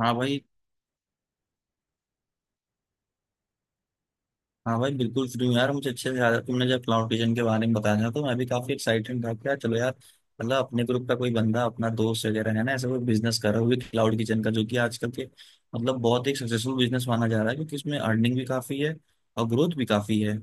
हाँ भाई, हाँ भाई, बिल्कुल फ्री हूँ यार। मुझे अच्छे से याद है, तुमने जब क्लाउड किचन के बारे में बताया तो मैं भी काफी एक्साइटेड था। क्या चलो यार, मतलब अपने ग्रुप का कोई बंदा, अपना दोस्त वगैरह है ना, ऐसा कोई बिजनेस कर रहा है वो भी क्लाउड किचन का, जो कि आजकल के मतलब बहुत एक सक्सेसफुल बिजनेस माना जा रहा है, क्योंकि इसमें अर्निंग भी काफी है और ग्रोथ भी काफी है।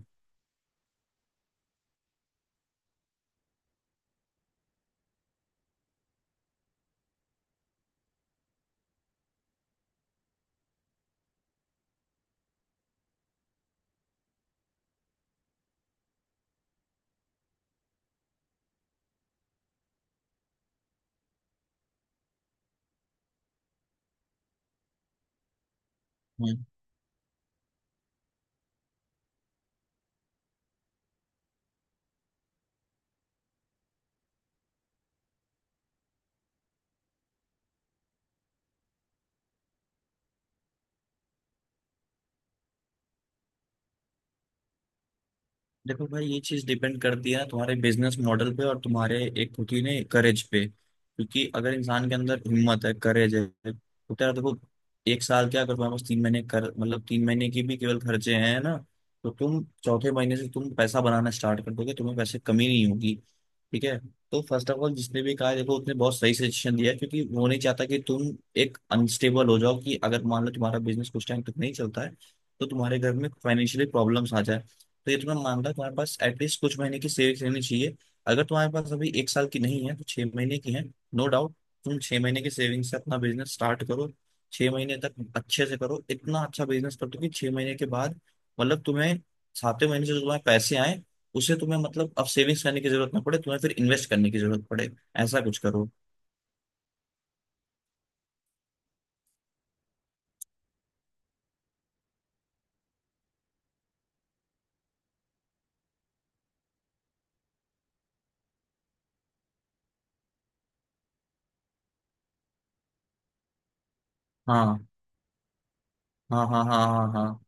हम्म। देखो भाई, ये चीज डिपेंड करती है तुम्हारे बिजनेस मॉडल पे और तुम्हारे एक खुद ही ने करेज पे, क्योंकि अगर इंसान के अंदर हिम्मत है, करेज है, तो तेरा देखो, एक साल क्या, अगर तुम्हारे पास तीन महीने कर मतलब 3 महीने की भी केवल खर्चे हैं ना, तो तुम चौथे महीने से तुम पैसा बनाना स्टार्ट कर दोगे, तुम्हें पैसे कमी नहीं होगी। ठीक है। तो फर्स्ट ऑफ ऑल जिसने भी कहा है, देखो, उसने बहुत सही सजेशन दिया है, क्योंकि वो नहीं चाहता कि तुम एक अनस्टेबल हो जाओ, कि अगर मान लो तुम्हारा बिजनेस कुछ टाइम तक नहीं चलता है तो तुम्हारे घर में फाइनेंशियली प्रॉब्लम्स आ जाए। तो ये तुम्हें मामला है, तुम्हारे पास एटलीस्ट कुछ महीने की सेविंग्स रहनी चाहिए। अगर तुम्हारे पास अभी एक साल की नहीं है तो 6 महीने की है। No doubt. तुम 6 महीने की सेविंग से अपना बिजनेस स्टार्ट करो। 6 महीने तक अच्छे से करो, इतना अच्छा बिजनेस कर दो कि 6 महीने के बाद मतलब तुम्हें सातवें महीने से जो तुम्हारे पैसे आए उसे तुम्हें मतलब अब सेविंग्स करने की जरूरत ना पड़े, तुम्हें फिर इन्वेस्ट करने की जरूरत पड़े। ऐसा कुछ करो। हाँ हाँ हाँ हाँ हाँ हाँ।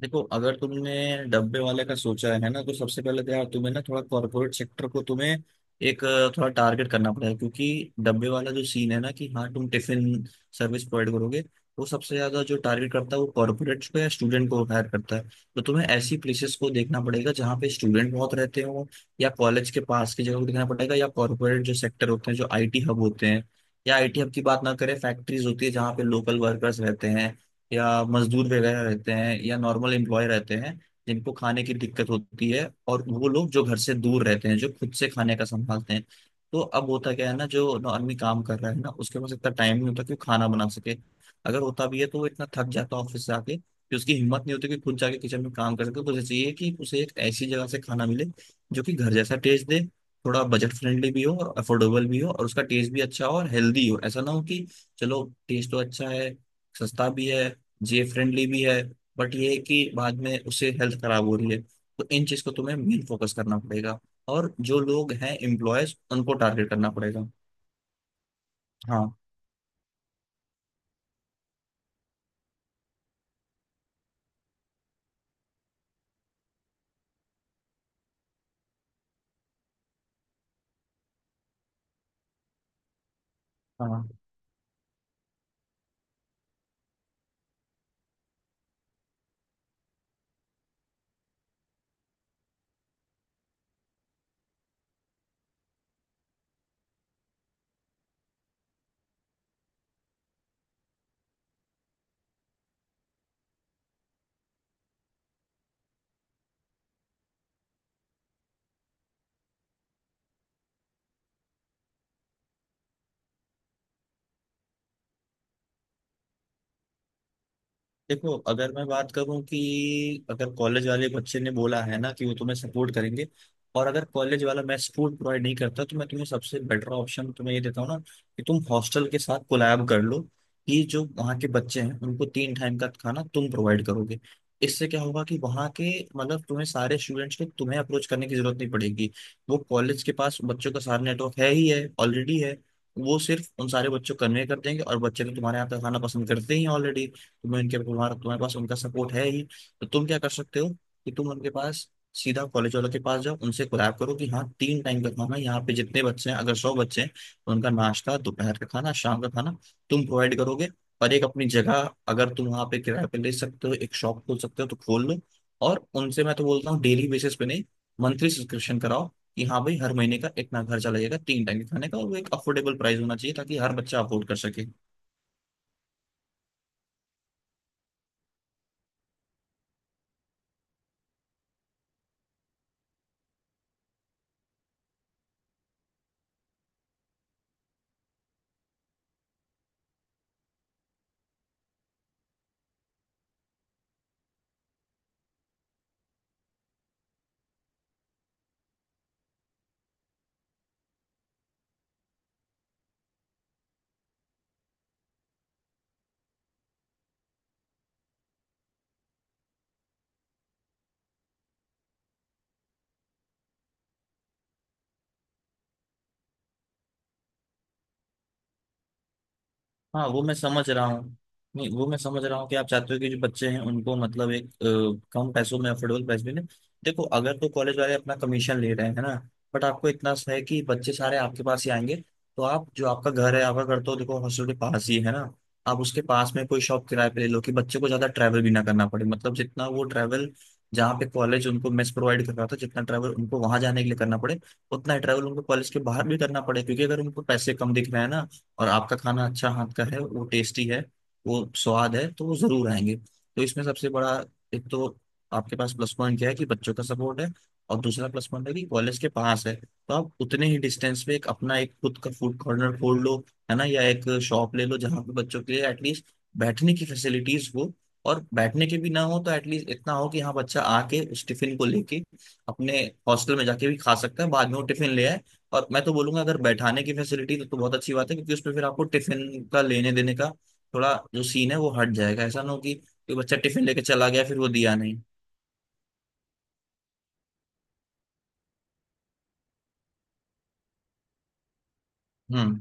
देखो, अगर तुमने डब्बे वाले का सोचा है ना तो सबसे पहले तो यार तुम्हें ना थोड़ा कॉर्पोरेट सेक्टर को तुम्हें एक थोड़ा टारगेट करना पड़ेगा, क्योंकि डब्बे वाला जो सीन है ना, कि हाँ तुम टिफिन सर्विस प्रोवाइड करोगे, वो सबसे ज्यादा जो टारगेट करता है वो कॉर्पोरेट को या स्टूडेंट को हायर करता है। तो तुम्हें ऐसी प्लेसेस को देखना पड़ेगा जहाँ पे स्टूडेंट बहुत रहते हो, या कॉलेज के पास की जगह को देखना पड़ेगा, या कॉर्पोरेट जो सेक्टर होते हैं जो आईटी हब होते हैं, या आईटी हब की बात ना करें, फैक्ट्रीज होती है जहाँ पे लोकल वर्कर्स रहते हैं या मजदूर वगैरह रहते हैं या नॉर्मल एम्प्लॉय रहते हैं जिनको खाने की दिक्कत होती है, और वो लोग जो घर से दूर रहते हैं जो खुद से खाने का संभालते हैं। तो अब होता क्या है ना, जो आदमी काम कर रहा है ना उसके पास इतना टाइम नहीं होता कि वो खाना बना सके। अगर होता भी है तो वो इतना थक जाता है ऑफिस से आके, कि उसकी हिम्मत नहीं होती कि खुद जाके किचन में काम कर सके, तो उसे चाहिए कि उसे एक ऐसी जगह से खाना मिले जो कि घर जैसा टेस्ट दे, थोड़ा बजट फ्रेंडली भी हो और अफोर्डेबल भी हो और उसका टेस्ट भी अच्छा हो और हेल्दी हो। ऐसा ना हो कि चलो टेस्ट तो अच्छा है, सस्ता भी है, ये फ्रेंडली भी है, बट ये है कि बाद में उससे हेल्थ खराब हो रही है। तो इन चीज को तुम्हें मेन फोकस करना पड़ेगा, और जो लोग हैं एम्प्लॉयज उनको टारगेट करना पड़ेगा। हाँ हाँ। देखो, अगर मैं बात करूं कि अगर कॉलेज वाले बच्चे ने बोला है ना कि वो तुम्हें सपोर्ट करेंगे, और अगर कॉलेज वाला मैं सपोर्ट प्रोवाइड नहीं करता, तो मैं तुम्हें सबसे बेटर ऑप्शन तुम्हें ये देता हूँ ना, कि तुम हॉस्टल के साथ कोलैब कर लो कि जो वहाँ के बच्चे हैं उनको 3 टाइम का खाना तुम प्रोवाइड करोगे। इससे क्या होगा कि वहाँ के मतलब तुम्हें सारे स्टूडेंट्स को तुम्हें अप्रोच करने की जरूरत नहीं पड़ेगी। वो कॉलेज के पास बच्चों का सारा नेटवर्क है ही है, ऑलरेडी है। वो सिर्फ उन सारे बच्चों को कन्वे कर देंगे और बच्चे तो तुम्हारे यहाँ का खाना पसंद करते ही ऑलरेडी। तुम्हें उनके तुम्हारा तुम्हारे पास उनका सपोर्ट है ही। तो तुम क्या कर सकते हो, कि तुम उनके पास सीधा कॉलेज वालों के पास जाओ, उनसे कोलैब करो कि हाँ 3 टाइम का खाना यहाँ पे जितने बच्चे हैं, अगर 100 बच्चे हैं तो उनका नाश्ता, दोपहर का खाना, शाम का खाना तुम प्रोवाइड करोगे। और एक अपनी जगह अगर तुम वहाँ पे किराए पे ले सकते हो, एक शॉप खोल सकते हो, तो खोल लो। और उनसे मैं तो बोलता हूँ डेली बेसिस पे नहीं, मंथली सब्सक्रिप्शन कराओ, कि हाँ भाई हर महीने का इतना खर्चा लगेगा 3 टाइम के खाने का, और वो एक अफोर्डेबल प्राइस होना चाहिए ताकि हर बच्चा अफोर्ड कर सके। हाँ वो मैं समझ रहा हूँ। नहीं, वो मैं समझ रहा हूँ कि आप चाहते हो कि जो बच्चे हैं उनको मतलब एक कम पैसों में अफोर्डेबल प्राइस में। देखो अगर तो कॉलेज वाले अपना कमीशन ले रहे हैं है ना, बट आपको इतना सा है कि बच्चे सारे आपके पास ही आएंगे। तो आप जो आपका घर है, आपका घर तो देखो हॉस्टल के पास ही है ना। आप उसके पास में कोई शॉप किराए पे ले लो, कि बच्चे को ज्यादा ट्रैवल भी ना करना पड़े, मतलब जितना वो ट्रैवल, जहाँ पे कॉलेज उनको मेस प्रोवाइड कर रहा था, जितना ट्रैवल उनको वहां जाने के लिए करना पड़े, उतना ही ट्रैवल उनको कॉलेज के बाहर भी करना पड़े। क्योंकि अगर उनको पैसे कम दिख रहे हैं ना और आपका खाना अच्छा, हाथ का है, वो टेस्टी है, वो स्वाद है, तो वो जरूर आएंगे। तो इसमें सबसे बड़ा, एक तो आपके पास प्लस पॉइंट क्या है कि बच्चों का सपोर्ट है, और दूसरा प्लस पॉइंट है कि कॉलेज के पास है, तो आप उतने ही डिस्टेंस पे एक अपना एक खुद का फूड कॉर्नर खोल लो, है ना, या एक शॉप ले लो जहाँ पे बच्चों के लिए एटलीस्ट बैठने की फैसिलिटीज हो। और बैठने के भी ना हो तो एटलीस्ट इतना हो कि हाँ बच्चा आके उस टिफिन को लेके अपने हॉस्टल में जाके भी खा सकता है, बाद में वो टिफिन ले आए। और मैं तो बोलूंगा अगर बैठाने की फैसिलिटी तो बहुत अच्छी बात है, क्योंकि उसमें फिर आपको टिफिन का लेने देने का थोड़ा जो सीन है वो हट जाएगा। ऐसा ना हो कि बच्चा टिफिन लेके चला गया फिर वो दिया नहीं। हम्म।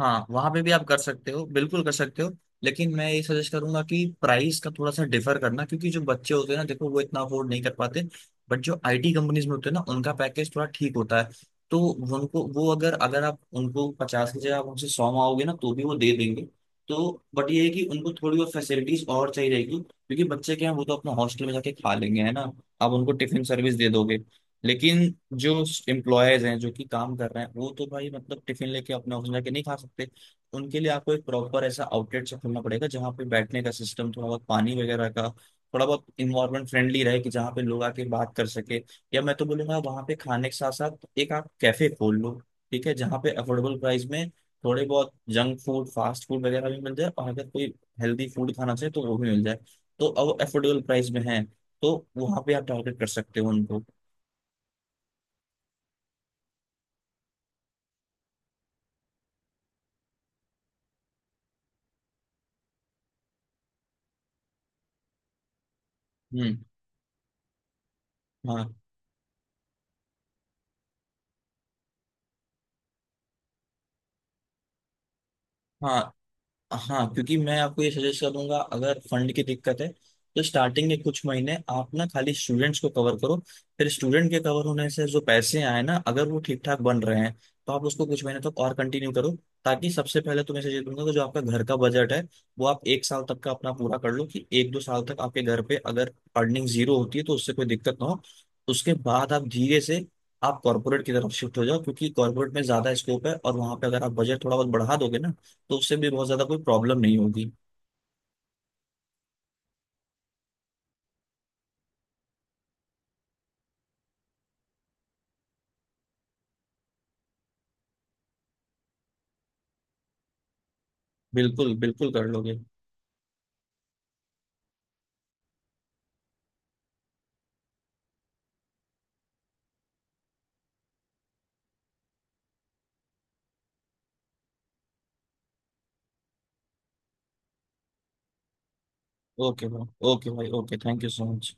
हाँ वहां पे भी आप कर सकते हो, बिल्कुल कर सकते हो। लेकिन मैं ये सजेस्ट करूंगा कि प्राइस का थोड़ा सा डिफर करना, क्योंकि जो बच्चे होते हैं ना देखो वो इतना अफोर्ड नहीं कर पाते, बट जो आईटी कंपनीज में होते हैं ना उनका पैकेज थोड़ा ठीक होता है। तो उनको वो अगर अगर आप उनको 50 की जगह आप उनसे 100 मांगोगे ना तो भी वो दे देंगे। तो बट ये है कि उनको थोड़ी और फैसिलिटीज और चाहिए रहेगी, क्योंकि बच्चे क्या हैं वो तो अपना हॉस्टल में जाके खा लेंगे है ना, आप उनको टिफिन सर्विस दे दोगे। लेकिन जो एम्प्लॉयज हैं जो कि काम कर रहे हैं वो तो भाई मतलब टिफिन लेके अपना ऑफिस जाके नहीं खा सकते। उनके लिए आपको एक प्रॉपर ऐसा आउटलेट से खोलना पड़ेगा जहाँ पे बैठने का सिस्टम, थोड़ा बहुत पानी वगैरह का, थोड़ा बहुत इन्वायरमेंट फ्रेंडली रहे, कि जहाँ पे लोग आके बात कर सके। या मैं तो बोलूँगा वहाँ पे खाने के साथ साथ एक आप कैफे खोल लो। ठीक है, जहाँ पे अफोर्डेबल प्राइस में थोड़े बहुत जंक फूड, फास्ट फूड वगैरह भी मिल जाए, और अगर कोई हेल्दी फूड खाना चाहिए तो वो भी मिल जाए। तो अब अफोर्डेबल प्राइस में है, तो वहाँ पे आप टारगेट कर सकते हो उनको। हम्म। हाँ हाँ। हाँ क्योंकि मैं आपको ये सजेस्ट करूंगा, अगर फंड की दिक्कत है तो स्टार्टिंग के कुछ महीने आप ना खाली स्टूडेंट्स को कवर करो। फिर स्टूडेंट के कवर होने से जो पैसे आए ना, अगर वो ठीक ठाक बन रहे हैं तो आप उसको कुछ महीने तक और कंटिन्यू करो, ताकि सबसे पहले तुम्हें सजेस्ट दूंगा कि जो आपका घर का बजट है वो आप एक साल तक का अपना पूरा कर लो, कि एक दो साल तक आपके घर पे अगर अर्निंग जीरो होती है तो उससे कोई दिक्कत ना हो। उसके बाद आप धीरे से आप कॉर्पोरेट की तरफ शिफ्ट हो जाओ, क्योंकि कॉर्पोरेट में ज्यादा स्कोप है, और वहां पे अगर आप बजट थोड़ा बहुत बढ़ा दोगे ना तो उससे भी बहुत ज्यादा कोई प्रॉब्लम नहीं होगी। बिल्कुल, बिल्कुल कर लोगे। ओके भाई, ओके भाई, okay. Thank you so much.